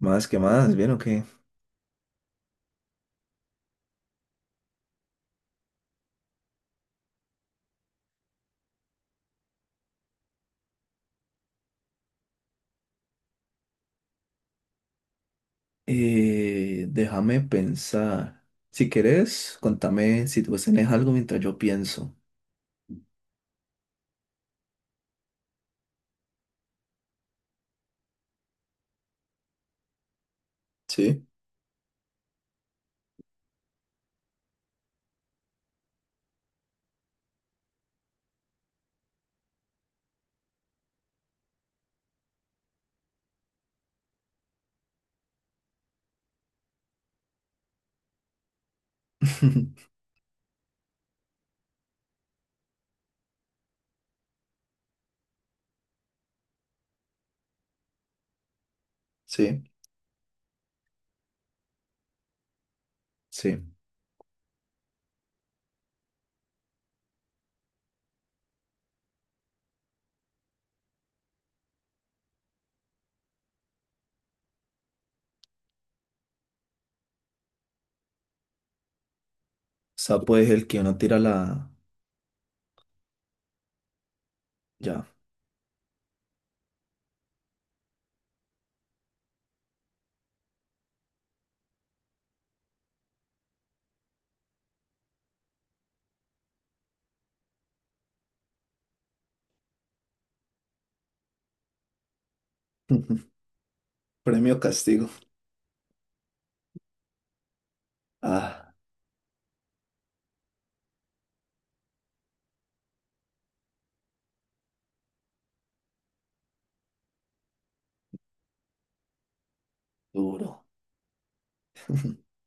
Más que más, ¿bien o qué? Déjame pensar. Si querés, contame si vos tenés algo mientras yo pienso. Sí, sí. Sí. O sea, pues el que uno tira la... Ya. Premio castigo. Ah, duro.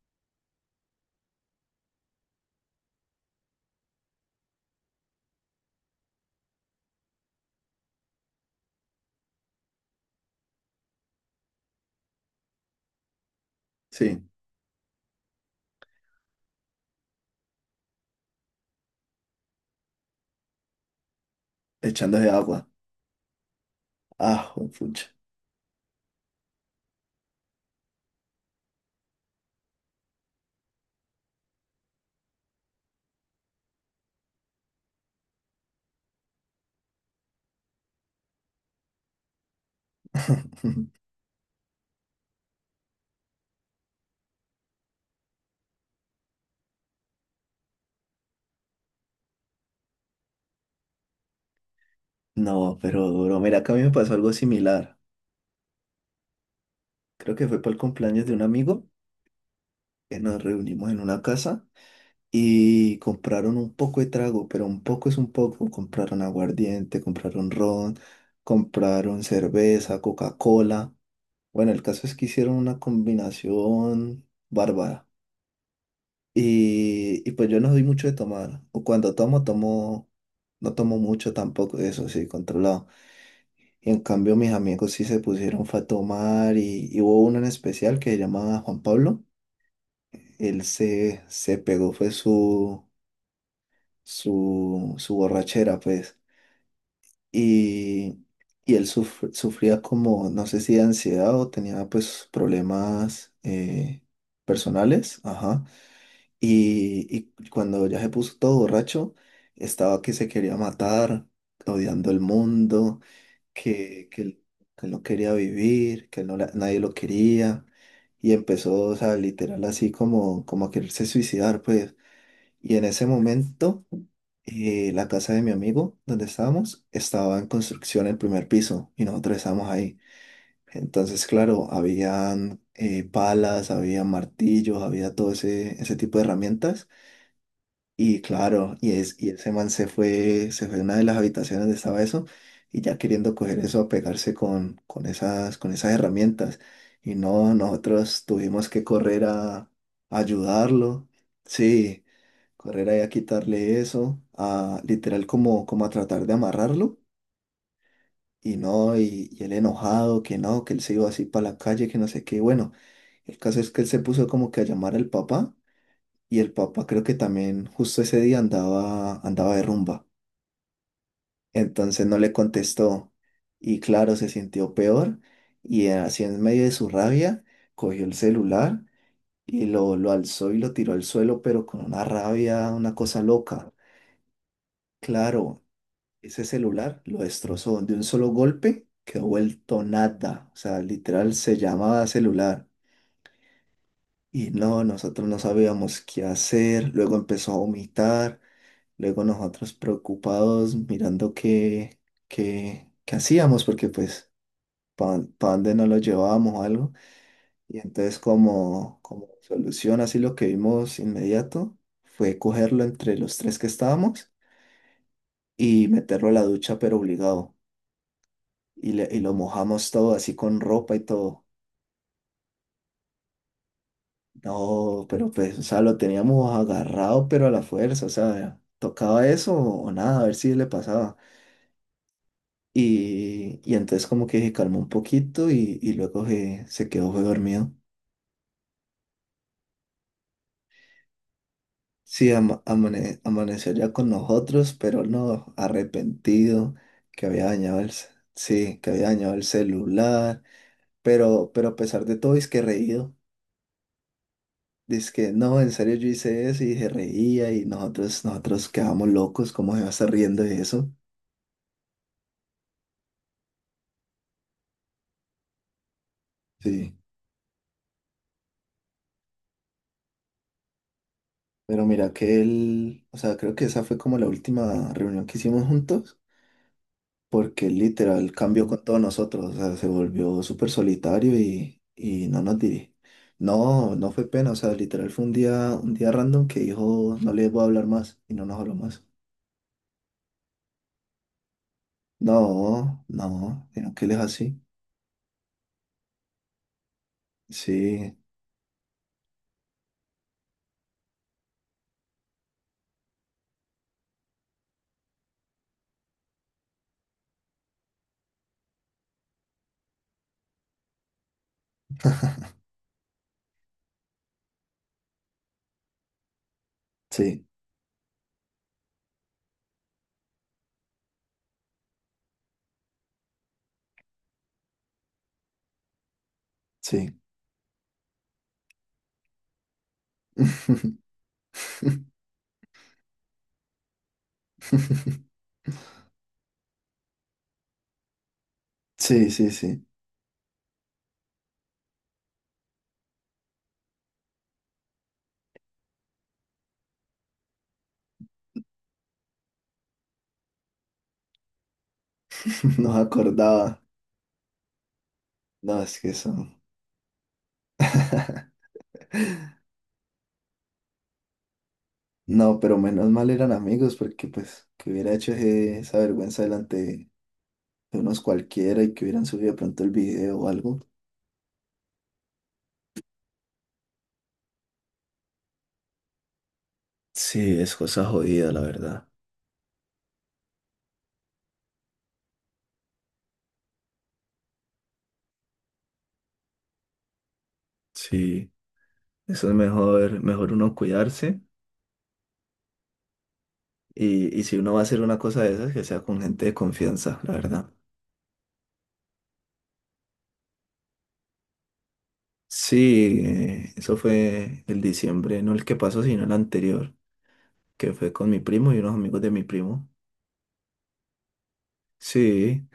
Sí, echando de agua. Ah, pucha. No, pero duro. Mira, que a mí me pasó algo similar. Creo que fue para el cumpleaños de un amigo que nos reunimos en una casa. Y compraron un poco de trago, pero un poco es un poco. Compraron aguardiente, compraron ron, compraron cerveza, Coca-Cola. Bueno, el caso es que hicieron una combinación bárbara. Y pues yo no soy mucho de tomar, o cuando tomo, tomo, no tomo mucho tampoco, eso sí, controlado. Y en cambio mis amigos sí se pusieron fue a tomar y hubo uno en especial que se llamaba Juan Pablo. Él se pegó, fue su borrachera, pues. Y, y él sufría como, no sé si de ansiedad o tenía pues problemas personales, ajá. Y, y cuando ya se puso todo borracho, estaba que se quería matar, odiando el mundo, que, que, él- que él no quería vivir, que él no nadie lo quería. Y empezó, o sea, literal así como, como a quererse suicidar, pues. Y en ese momento, la casa de mi amigo, donde estábamos, estaba en construcción el primer piso y nosotros estábamos ahí. Entonces, claro, habían palas, había martillos, había todo ese, ese tipo de herramientas. Y claro, y ese man se fue a una de las habitaciones donde estaba eso y ya queriendo coger eso a pegarse con esas herramientas. Y no, nosotros tuvimos que correr a ayudarlo. Sí. Correr ahí a quitarle eso, a literal como, como a tratar de amarrarlo. Y no, y él enojado, que no, que él se iba así para la calle, que no sé qué. Bueno, el caso es que él se puso como que a llamar al papá y el papá creo que también justo ese día andaba de rumba. Entonces no le contestó y claro, se sintió peor y así en medio de su rabia cogió el celular y lo alzó y lo tiró al suelo, pero con una rabia, una cosa loca. Claro, ese celular lo destrozó de un solo golpe, quedó vuelto nada. O sea, literal se llamaba celular. Y no, nosotros no sabíamos qué hacer. Luego empezó a vomitar. Luego nosotros preocupados mirando qué hacíamos, porque pues, ¿para dónde no lo llevábamos o algo? Y entonces como, como solución, así lo que vimos inmediato fue cogerlo entre los tres que estábamos y meterlo a la ducha, pero obligado. Y, y lo mojamos todo así con ropa y todo. No, pero pues, o sea, lo teníamos agarrado, pero a la fuerza, o sea, tocaba eso o nada, a ver si le pasaba. Y entonces como que se calmó un poquito y luego se quedó fue dormido. Sí, amaneció ya con nosotros, pero no, arrepentido que había dañado sí, que había dañado el celular, pero a pesar de todo es que reído. Dice que no, en serio yo hice eso y se reía y nosotros quedábamos locos, ¿cómo se va a estar riendo de eso? Sí, pero mira que él, o sea, creo que esa fue como la última reunión que hicimos juntos, porque él literal cambió con todos nosotros, o sea, se volvió súper solitario y no nos diré. No, no fue pena, o sea, literal fue un día random que dijo, no les voy a hablar más y no nos habló más. No, no, sino que él es así. Sí, sí, sí. Sí, sí, sí. No acordaba. No, es que son. No, pero menos mal eran amigos porque pues que hubiera hecho esa vergüenza delante de unos cualquiera y que hubieran subido pronto el video o algo. Sí, es cosa jodida, la verdad. Sí, eso es mejor, mejor uno cuidarse y si uno va a hacer una cosa de esas, que sea con gente de confianza, la verdad. Sí, eso fue el diciembre, no el que pasó, sino el anterior. Que fue con mi primo y unos amigos de mi primo. Sí,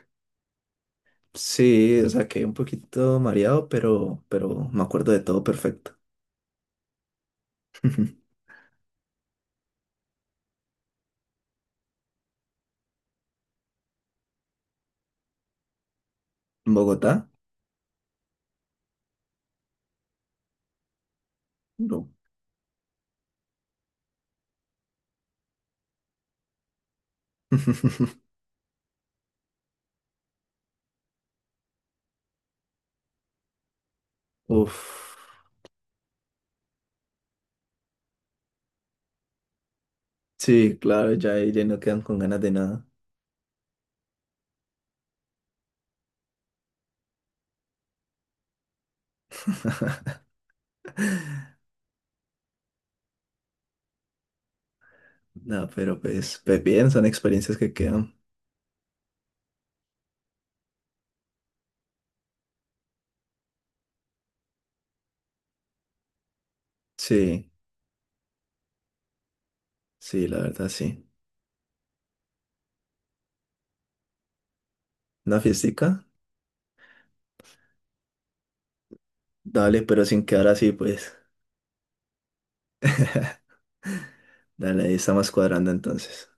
sí, o sea, quedé un poquito mareado, pero me acuerdo de todo perfecto. ¿En Bogotá? No. Uf, sí, claro, ya ahí ya no quedan con ganas de nada. No, pero pues, pues bien, son experiencias que quedan. Sí, sí, la verdad, sí. ¿Una fiestica? Dale, pero sin quedar así, pues. Dale, ahí estamos cuadrando entonces.